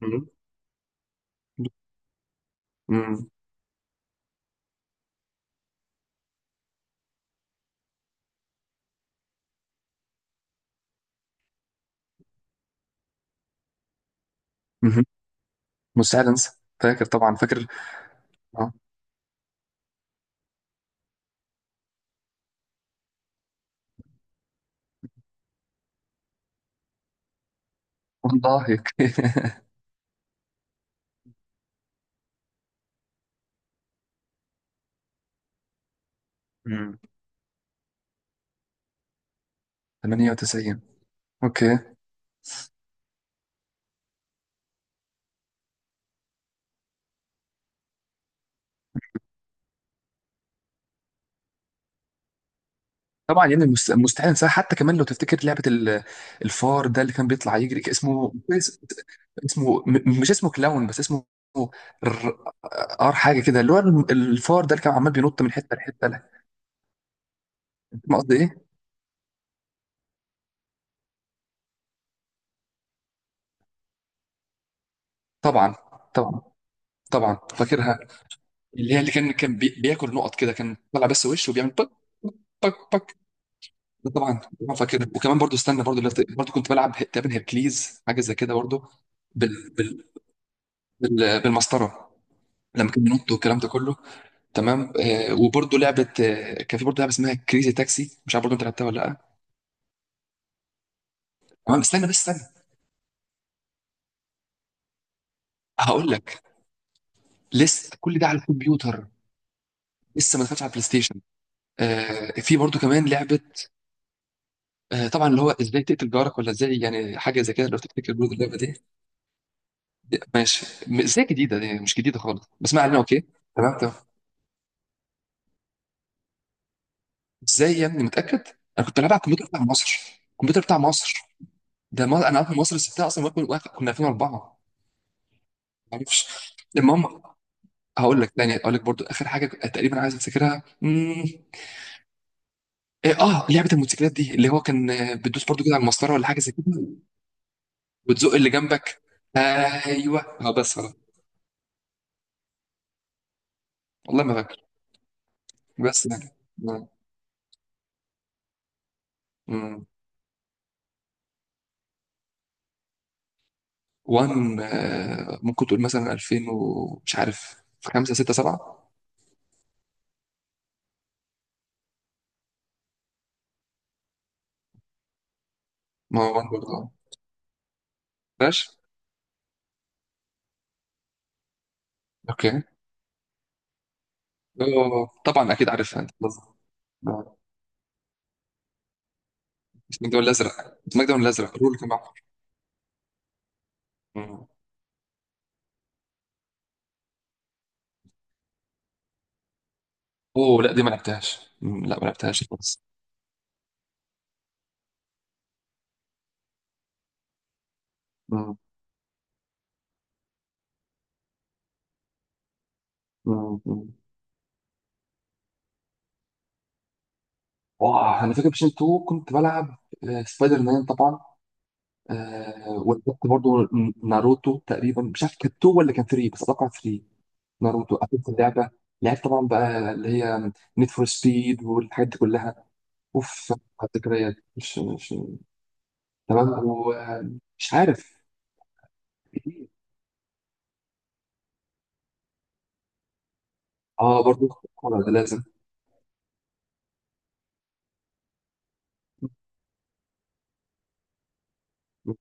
مم. مم. مم. مستحيل انسى. فاكر طبعا، فاكر. اه والله هيك. مم. 98. اوكي. طبعا يعني مستحيل انساها، حتى كمان لو تفتكر الفار ده اللي كان بيطلع يجري، كان اسمه اسمه مش اسمه كلاون، بس اسمه ر- ار، حاجه كده، اللي هو الفار ده اللي كان عمال بينط من حته لحته. لا، ما قصدي ايه. طبعا طبعا، طبعا فاكرها. اللي هي اللي كان بياكل نقط كده، كان طلع بس وشه وبيعمل بك بك بك. ده طبعا طبعا فاكر، وكمان برضو استنى، برضو برضو كنت بلعب تقريبا هيركليز، حاجه زي كده برضو. بال بال بالمسطره، لما كان بينط والكلام ده كله. تمام. آه وبرضو لعبه، آه كان في برضو لعبه اسمها كريزي تاكسي، مش عارف برضو انت لعبتها ولا لا. تمام، استنى بس استنى، هقول لك. لسه كل ده على الكمبيوتر، لسه ما دخلتش على البلاي ستيشن. آه في برضو كمان لعبه، آه طبعا، اللي هو ازاي تقتل جارك ولا ازاي، يعني حاجه زي كده، لو تفتكر برضو اللعبه دي. ماشي، ازاي جديده؟ دي مش جديده خالص، بس ما علينا اوكي. تمام تمام. ازاي يا ابني متاكد؟ انا كنت لعبها على الكمبيوتر بتاع مصر، الكمبيوتر بتاع مصر ده. ما انا عارف مصر سبتها اصلا، كنا 2004. ما اعرفش. المهم، هقول لك تاني، هقول لك برضو اخر حاجه تقريبا عايز افتكرها. إيه، اه لعبه الموتوسيكلات دي، اللي هو كان آه، بتدوس برضو كده على المسطره ولا حاجه زي كده، وتزق اللي جنبك. ايوه اه، بس آه. والله ما فاكر. بس يعني. مم. مم. وان آه، ممكن تقول مثلا 2000 ومش عارف، 5 6 7. ما هو وان برضه آه. ماشي. اوكي. اه طبعا اكيد عارفها، انت لازم. آه. اسمك ده ولا الازرق؟ اسمك ده ولا الازرق رول كان معاك؟ مم. اوه لا، دي ما لعبتهاش، مم، لا ما لعبتهاش خالص. مم، مم، مم. واه انا فاكر بيشن 2، كنت بلعب آه، سبايدر مان طبعا. آه، ولعبت برضه ناروتو تقريبا، مش عارف كانت 2 ولا كان 3، بس اتوقع 3. ناروتو قفلت اللعبه. لعبت طبعا بقى اللي هي نيد فور سبيد والحاجات دي كلها. اوف، على الذكريات، مش. تمام، ومش عارف. اه برضو الكورة ده لازم. مم.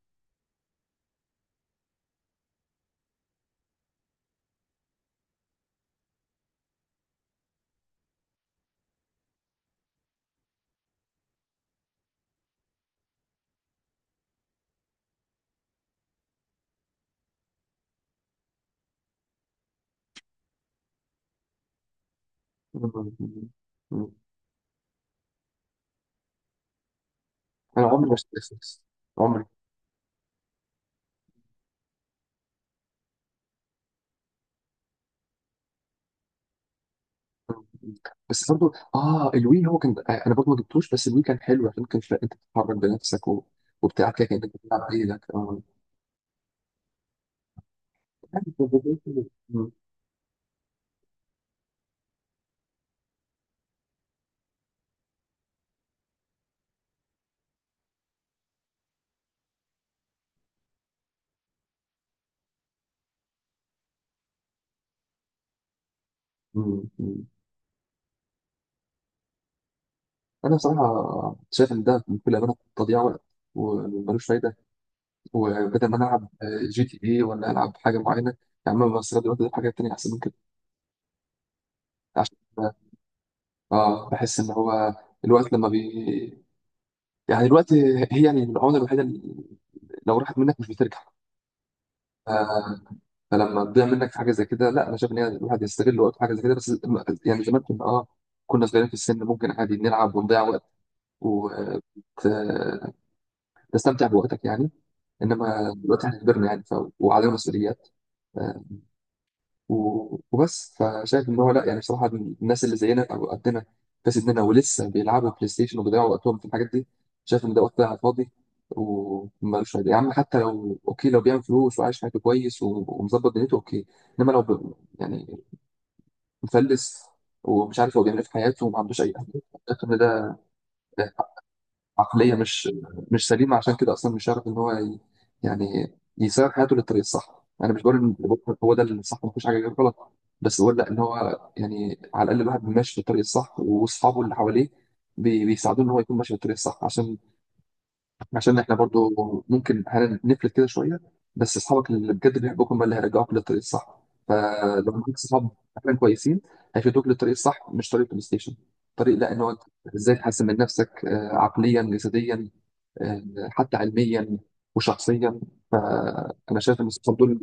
مم. مم. انا عمري ما اشتريت فيكس، عمري. بس برضو اه الوي هو كان آه، انا برضو ما جبتوش، بس الوي كان حلو عشان كان انت بتتحرك بنفسك و... وبتاع كده، كانك بتلعب بايدك اه. مم. مم. مم. انا بصراحه شايف ان ده بكل امانه تضييع وقت، وملوش فايده. وبدل ما انا العب جي تي اي، ولا العب حاجه معينه، يا عم بستغل الوقت ده في حاجات تانيه احسن من كده. عشان اه بحس ان هو الوقت لما بي، يعني دلوقتي، هي يعني العمله الوحيده اللي لو راحت منك مش بترجع. ف- فلما تضيع منك في حاجه زي كده، لا انا شايف ان هي، الواحد يستغل وقته في حاجه زي كده بس. يعني زمان كنا اه كنا صغيرين في السن، ممكن عادي نلعب ونضيع وقت، وتستمتع بوقتك يعني. انما دلوقتي احنا كبرنا، يعني ف... وعلينا مسؤوليات آه، وبس. فشايف ان هو لا، يعني بصراحه الناس اللي زينا او قدنا، في سننا، ولسه بيلعبوا بلاي ستيشن وبيضيعوا وقتهم في الحاجات دي، شايف ان ده وقت ضايع على الفاضي، ومالوش فايده. يا عم، حتى لو اوكي، لو بيعمل فلوس وعايش حياته كويس ومظبط دنيته، اوكي. انما لو ب... يعني مفلس ومش عارف هو بيعمل ايه في حياته، وما عندوش اي اهداف، شايف ان ده عقليه مش سليمه. عشان كده اصلا مش عارف ان هو يعني يسير حياته للطريق الصح. انا مش بقول ان هو ده الصح، ما فيش حاجه غير غلط، بس بقول لا ان هو يعني على الاقل الواحد ماشي في الطريق الصح، واصحابه اللي حواليه بيساعدوه ان هو يكون ماشي في الطريق الصح. عشان، عشان احنا برضو ممكن هنفلت كده شويه، بس اصحابك اللي بجد بيحبوك هم اللي هيرجعوك للطريق الصح. فلو معاك صحاب فعلا كويسين، هيفيدوك للطريق الصح، مش طريق بلاي ستيشن. طريق لا ان هو ازاي تحسن من نفسك آه، عقليا، جسديا، آه، حتى علميا، وشخصيا. فانا شايف ان الصحاب دول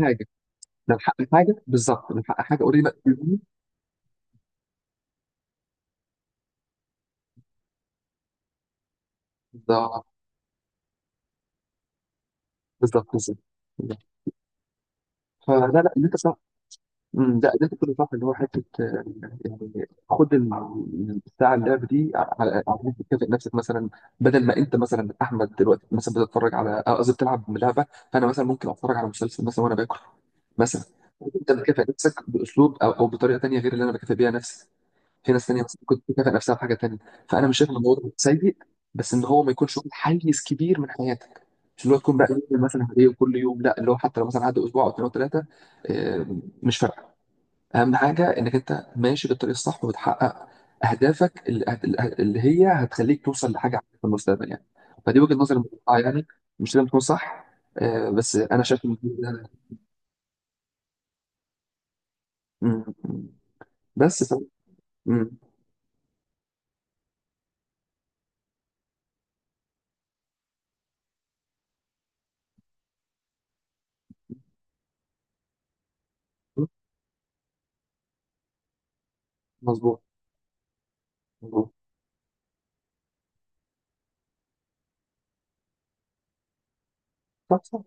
حاجه، نلحق حاجه، بالظبط نلحق حاجه قريبه مني. بالظبط بالظبط بالظبط. فلا لا، اللي انت صح. مم، ده ده كنت صح، اللي هو حته آه، يعني خد الساعه اللعب دي على، على انك تكافئ نفسك مثلا. بدل ما انت مثلا احمد دلوقتي مثلا بتتفرج على آه، قصدي بتلعب لعبه، فانا مثلا ممكن اتفرج على مسلسل مثلا وانا باكل مثلا. انت بتكافئ نفسك باسلوب او بطريقه تانيه غير اللي انا بكافئ بيها نفسي. في ناس تانية بس كنت تكافئ نفسها بحاجة تانية. فأنا مش شايف إن الموضوع ده سيء، بس إن هو ما يكونش واخد حيز كبير من حياتك. مش اللي هو تكون بقى يوم مثلا هدية كل يوم، لا اللي هو حتى لو مثلا عدى أسبوع أو اتنين أو تلاتة، آه، مش فارقة. أهم حاجة إنك أنت ماشي بالطريق الصح، وبتحقق أهدافك اللي هي هتخليك توصل لحاجة عالية في المستقبل يعني. فدي وجهة نظري المتقطعة يعني، مش لازم تكون صح. آه، بس أنا شايف إن ده- م- م- بس ف... م- مظبوط مظبوط. صح صح.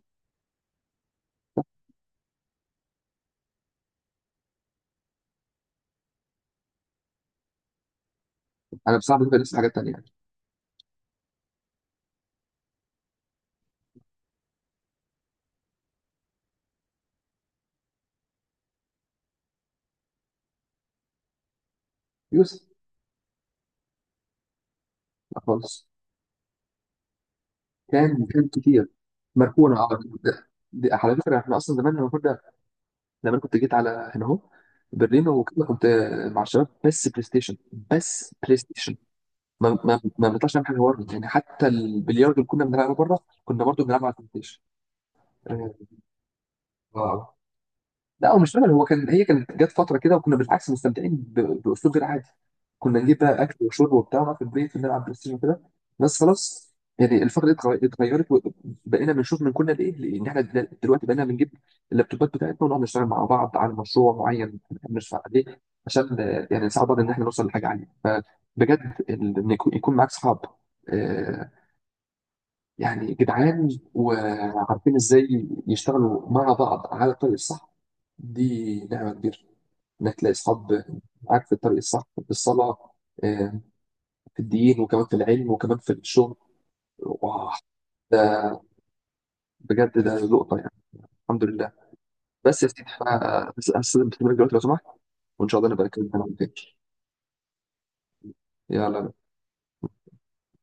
أنا بصعب بالنسبة لسه حاجات تانية. يوسف؟ لا خالص. كان، وكان كتير مركونة على طول. ده دي على فكرة، احنا أصلا زمان لما كنا، لما أنا كنت جيت على هنا أهو برلين وكده، كنت مع الشباب بس بلاي ستيشن، بس بلاي ستيشن. ما بنطلعش نعمل حاجة بره يعني. حتى البلياردو اللي كنا بنلعبه بره، كنا برضه بنلعبه على البلاي ستيشن. آه، لا هو مش رجل، هو كان، هي كانت جت فتره كده، وكنا بالعكس مستمتعين باسلوب غير عادي. كنا نجيب بقى اكل وشرب وبتاع، ونقعد في البيت ونلعب بلاي ستيشن كده بس. خلاص يعني الفتره دي اتغيرت، وبقينا بنشوف من كنا لايه، لان احنا دلوقتي بقينا بنجيب اللابتوبات بتاعتنا، ونقعد نشتغل مع بعض على مشروع معين بنحب نشتغل عليه، عشان آه، يعني نساعد بعض ان احنا نوصل لحاجه عاليه. فبجد ان يكون معاك صحاب آه، يعني جدعان، وعارفين ازاي يشتغلوا مع بعض على الطريق الصح، دي نعمة كبيرة. انك تلاقي اصحاب معاك في الطريق الصح، في الصلاة آه، في الدين، وكمان في العلم، وكمان في الشغل، واه ده، بجد ده لقطة يعني. الحمد لله. بس يا سيدي، انا هستلم التليفون دلوقتي لو سمحت، وان شاء الله نبقى نتكلم عن تاني. يلا.